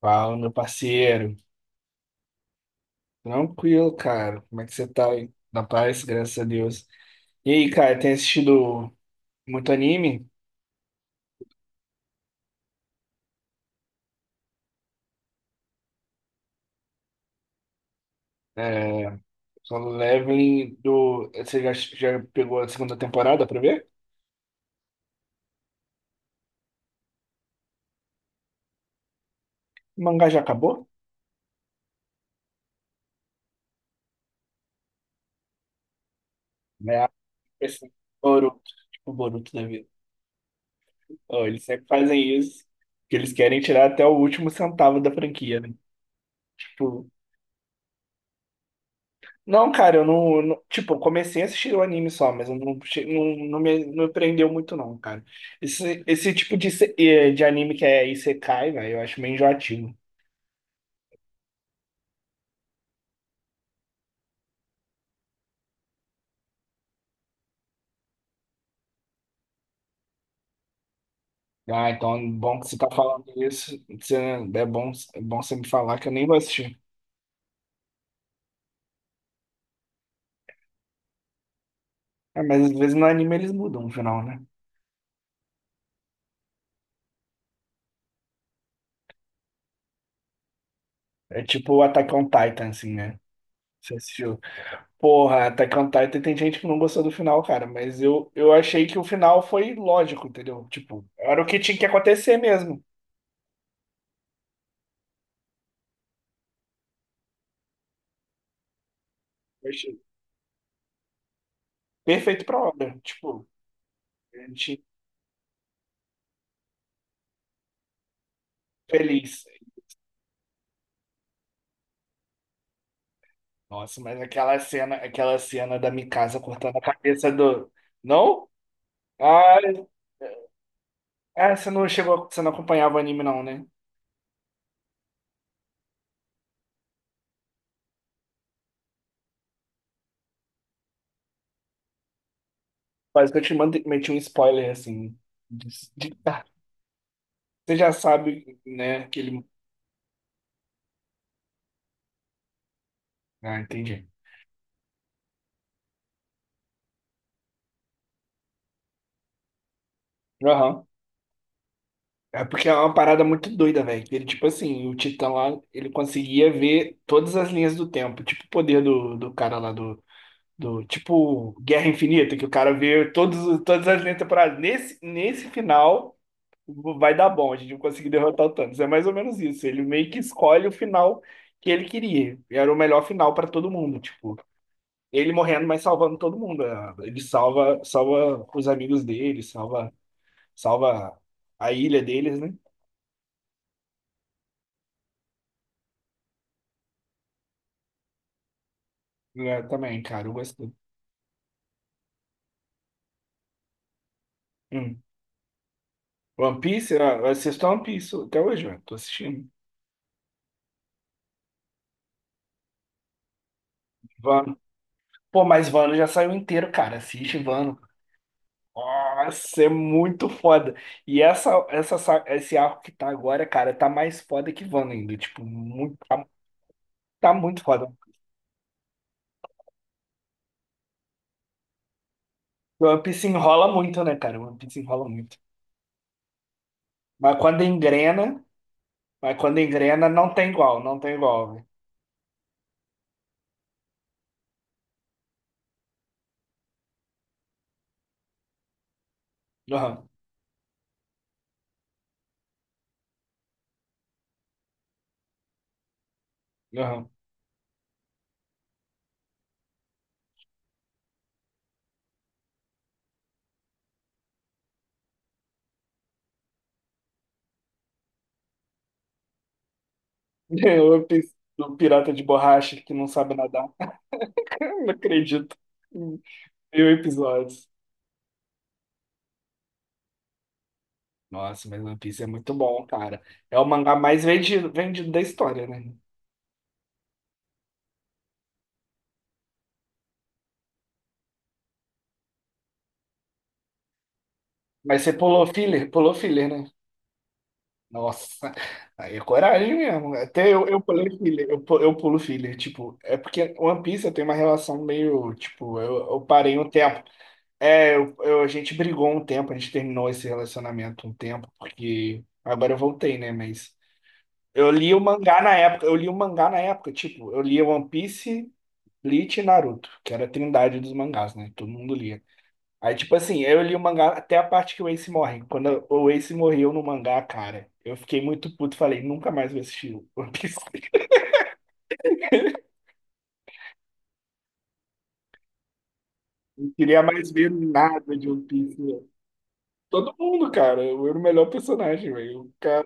Fala, meu parceiro. Tranquilo, cara. Como é que você tá aí? Na paz, graças a Deus. E aí, cara, tem assistido muito anime? É, Solo Leveling do. Você já pegou a segunda temporada pra ver? O mangá já acabou? É, esse Boruto, tipo o Boruto da vida. Ó, eles sempre fazem isso, que eles querem tirar até o último centavo da franquia, né? Tipo, não, cara, eu tipo, eu comecei a assistir o anime só, mas eu não me prendeu muito, não, cara. Esse tipo de, se- eh, de anime que é Isekai, velho, eu acho meio enjoativo. Ah, então é bom que você tá falando isso. Você, é bom você me falar que eu nem vou assistir. É, mas às vezes no anime eles mudam o final, né? É tipo o Attack on Titan, assim, né? Você assistiu. Porra, Attack on Titan tem gente que não gostou do final, cara, mas eu achei que o final foi lógico, entendeu? Tipo, era o que tinha que acontecer mesmo. Perfeito pra obra. Tipo, a gente feliz. Nossa, mas aquela cena da Mikasa cortando a cabeça do. Não? Ah, você não chegou, você não acompanhava o anime, não, né? Quase que eu te mandei, meti um spoiler assim. de- tá. Você já sabe, né? Que ele. Ah, entendi. Aham. É porque é uma parada muito doida, velho. Ele, tipo assim, o Titã lá, ele conseguia ver todas as linhas do tempo. Tipo o poder do cara lá do, do tipo Guerra Infinita, que o cara vê todas as linhas temporais. Nesse final vai dar bom, a gente vai conseguir derrotar o Thanos. É mais ou menos isso. Ele meio que escolhe o final que ele queria. E era o melhor final para todo mundo, tipo, ele morrendo, mas salvando todo mundo, né? Ele salva os amigos dele, salva a ilha deles, né? É, também, cara, eu gostei. Hum. One Piece, ah, eu assisto One Piece até hoje, velho. Tô assistindo. Vano. Pô, mas Vano já saiu inteiro, cara. Assiste Vano. Nossa, é muito foda. E esse arco que tá agora, cara, tá mais foda que Wanda ainda. Tipo, muito, tá muito foda. O One Piece enrola muito, né, cara? O One Piece enrola muito. Mas quando engrena, mas quando engrena, não tem igual, não tem igual, velho. Aham, aham. O One Piece, o pirata de borracha que não sabe nadar. Não acredito. 1.000 episódios. Nossa, mas One Piece é muito bom, cara. É o mangá mais vendido, vendido da história, né? Mas você pulou filler, né? Nossa, aí é coragem mesmo. Até eu pulei filler, eu pulo filler, tipo, é porque One Piece eu tenho uma relação meio, tipo, eu parei um tempo. É, a gente brigou um tempo, a gente terminou esse relacionamento um tempo, porque agora eu voltei, né? Mas eu li o mangá na época, eu li o mangá na época, tipo, eu li One Piece, Bleach e Naruto, que era a trindade dos mangás, né? Todo mundo lia. Aí, tipo assim, eu li o mangá até a parte que o Ace morre. Quando o Ace morreu no mangá, cara, eu fiquei muito puto. Falei, nunca mais vou assistir One Piece. Não queria mais ver nada de One Piece, velho. Todo mundo, cara. Eu era o melhor personagem, velho. O cara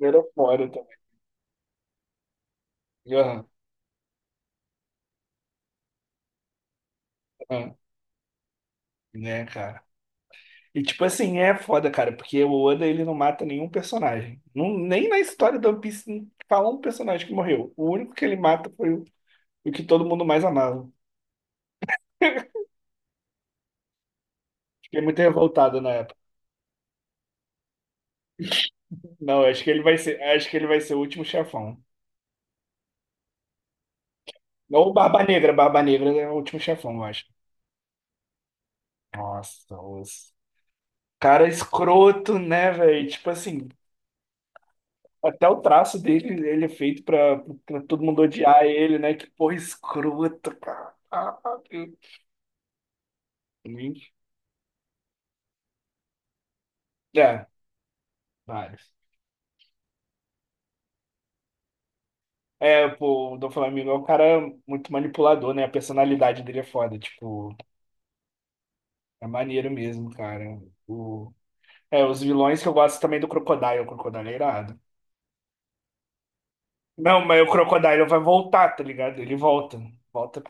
era foda também. Aham, aham. Né, cara? E, tipo assim, é foda, cara, porque o Oda, ele não mata nenhum personagem. Não, nem na história do One Piece não fala um personagem que morreu. O único que ele mata foi o que todo mundo mais amava. Fiquei muito revoltado na época. Não, acho que ele vai ser, acho que ele vai ser o último chefão. Ou Barba Negra, Barba Negra é o último chefão, eu acho. Nossa, os cara escroto, né, velho? Tipo assim, até o traço dele, ele é feito pra todo mundo odiar ele, né? Que porra escrota, cara. É, vários. É, pô, o Dom Flamingo é um cara muito manipulador, né? A personalidade dele é foda, tipo, é maneiro mesmo, cara. O... É, os vilões que eu gosto também do Crocodile, o Crocodile é irado. Não, mas o Crocodile vai voltar, tá ligado? Ele volta. Volta.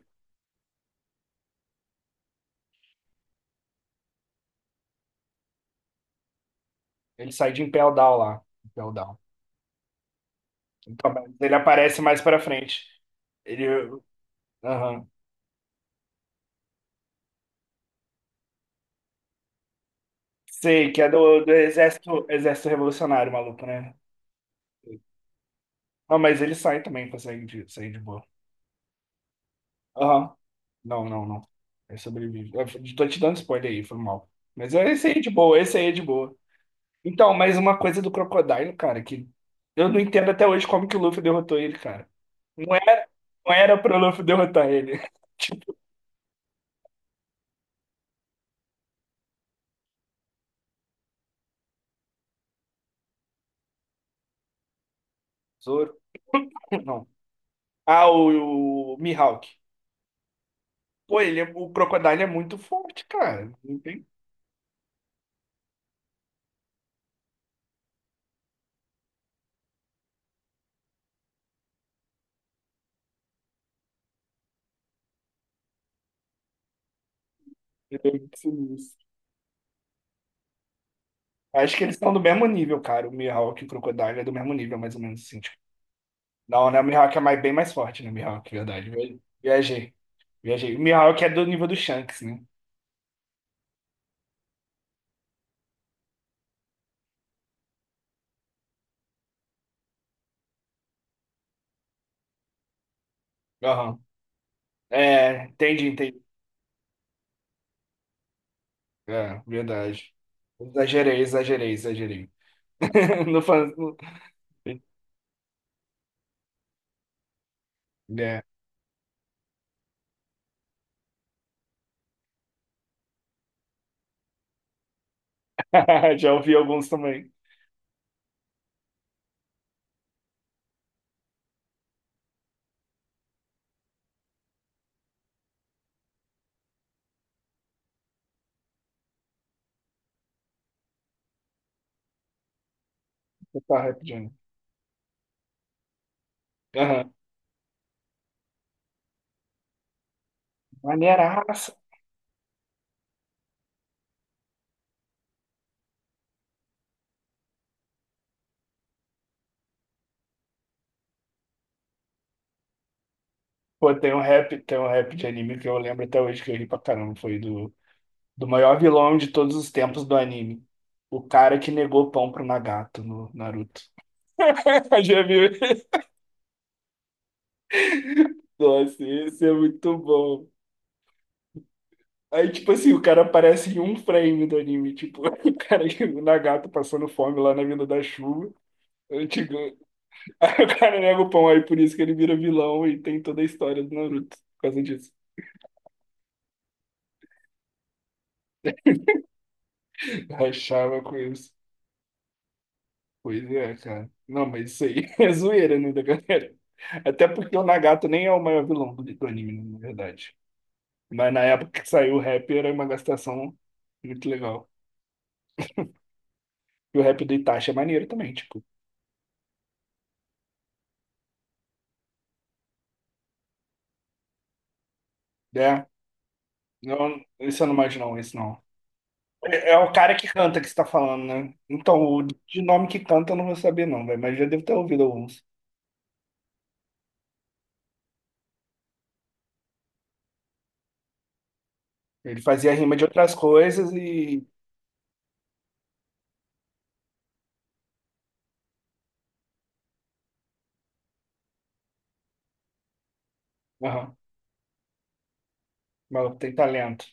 Ele sai de Impel Down lá. Impel Down. Então, mas ele aparece mais pra frente. Ele. Aham. Sei, que é do exército, exército revolucionário, maluco, né? Não, mas ele sai também, consegue sair de boa. Aham. Não, não, não. Ele sobrevive. Eu tô te dando spoiler aí, foi mal. Mas é esse aí é de boa, esse aí é de boa. Então, mais uma coisa do Crocodile, cara, que eu não entendo até hoje como que o Luffy derrotou ele, cara. Não era, não era pro Luffy derrotar ele. Tipo, Zoro, não. Ah, o Mihawk. Pô, o Crocodile é muito forte, cara. Não tem. Ele é muito sinistro. Acho que eles estão do mesmo nível, cara. O Mihawk e o Crocodile é do mesmo nível, mais ou menos assim. Tipo. Não, né? O Mihawk é bem mais forte, né? O Mihawk, verdade. Viajei. Viajei. O Mihawk é do nível do Shanks, né? Aham. É, entendi, entendi. É, verdade. Exagerei, exagerei, exagerei. Não faz. É. Já ouvi alguns também. Tá, rap de anime. Aham. Maneiraça. Pô, tem um rap de anime que eu lembro até hoje que eu ri pra caramba. Foi do maior vilão de todos os tempos do anime. O cara que negou pão pro Nagato no Naruto. Já viu? Nossa, esse é muito bom. Aí, tipo assim, o cara aparece em um frame do anime. Tipo, o cara, o Nagato passando fome lá na Vila da Chuva. Eu digo, aí o cara nega o pão, aí por isso que ele vira vilão e tem toda a história do Naruto. Por causa disso. Rachava com isso. Pois é, cara. Não, mas isso aí é zoeira, né, da galera? Até porque o Nagato nem é o maior vilão do anime, na verdade. Mas na época que saiu o rap era uma gastação muito legal. E o rap do Itachi é maneiro também, tipo. É, não, esse eu não imagino, não, esse não. É, é o cara que canta que você tá falando, né? Então, o de nome que canta eu não vou saber, não, velho. Mas já devo ter ouvido alguns. Ele fazia rima de outras coisas e. Aham. Mas tem talento.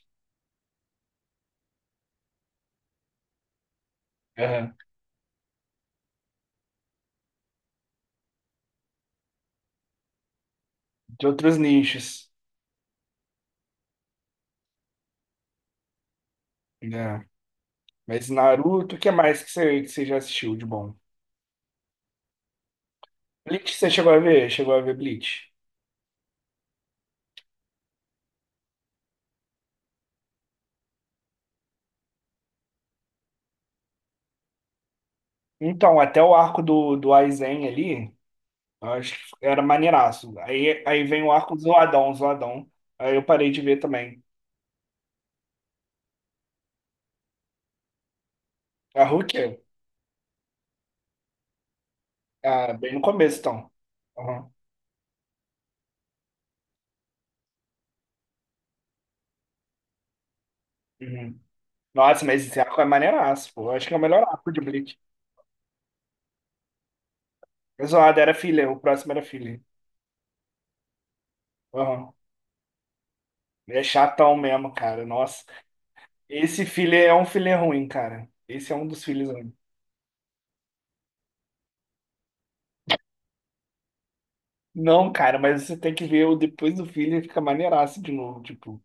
Aham. De outros nichos. É. Mas Naruto, o que mais que você, já assistiu de bom? Bleach, você chegou a ver? Chegou a ver Bleach? Então, até o arco do Aizen ali, eu acho que era maneiraço. Aí vem o arco do Zoadão, Zoadão. Aí eu parei de ver também. A Rukia? Ah, bem no começo, então. Aham. Uhum. Nossa, mas esse arco é maneiraço, pô. Eu acho que é o melhor arco de Bleach. O Zoado era filler, o próximo era filler. Aham. É chatão mesmo, cara. Nossa. Esse filler é um filler ruim, cara. Esse é um dos filhos. Não, cara, mas você tem que ver o depois do filho fica maneiraço de novo, tipo.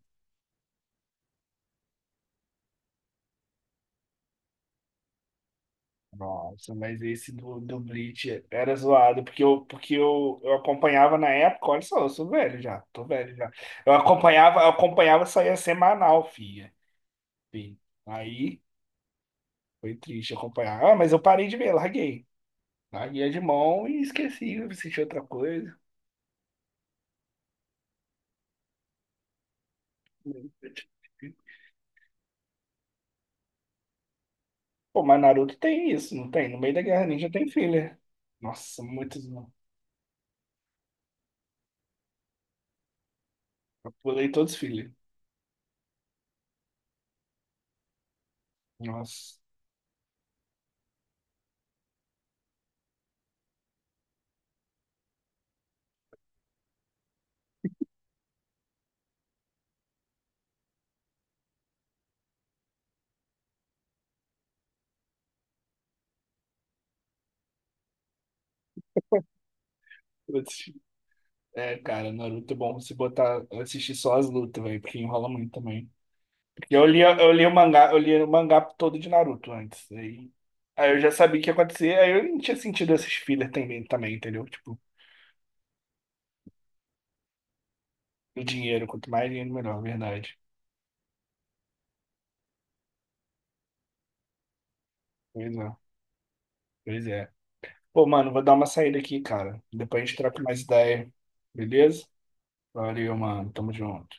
Nossa, mas esse do Bleach era zoado, porque eu acompanhava na época, olha só, eu sou velho já, tô velho já. Eu acompanhava, saía semanal, filha. Fih. Aí foi triste acompanhar. Ah, mas eu parei de ver, larguei. Larguei de mão e esqueci, assisti outra coisa. Pô, mas Naruto tem isso, não tem? No meio da Guerra Ninja tem filler. Nossa, muitos não. Eu pulei todos os filler. Nossa. Putz. É, cara, Naruto é bom se botar, assistir só as lutas, velho, porque enrola muito também. Porque eu li o mangá, eu li o mangá todo de Naruto antes. Aí eu já sabia o que ia acontecer, aí eu não tinha sentido esses filler também, também, entendeu? Tipo, o dinheiro, quanto mais dinheiro, melhor, verdade. Pois é, pois é. Pô, mano, vou dar uma saída aqui, cara. Depois a gente troca mais ideia, beleza? Valeu, mano. Tamo junto.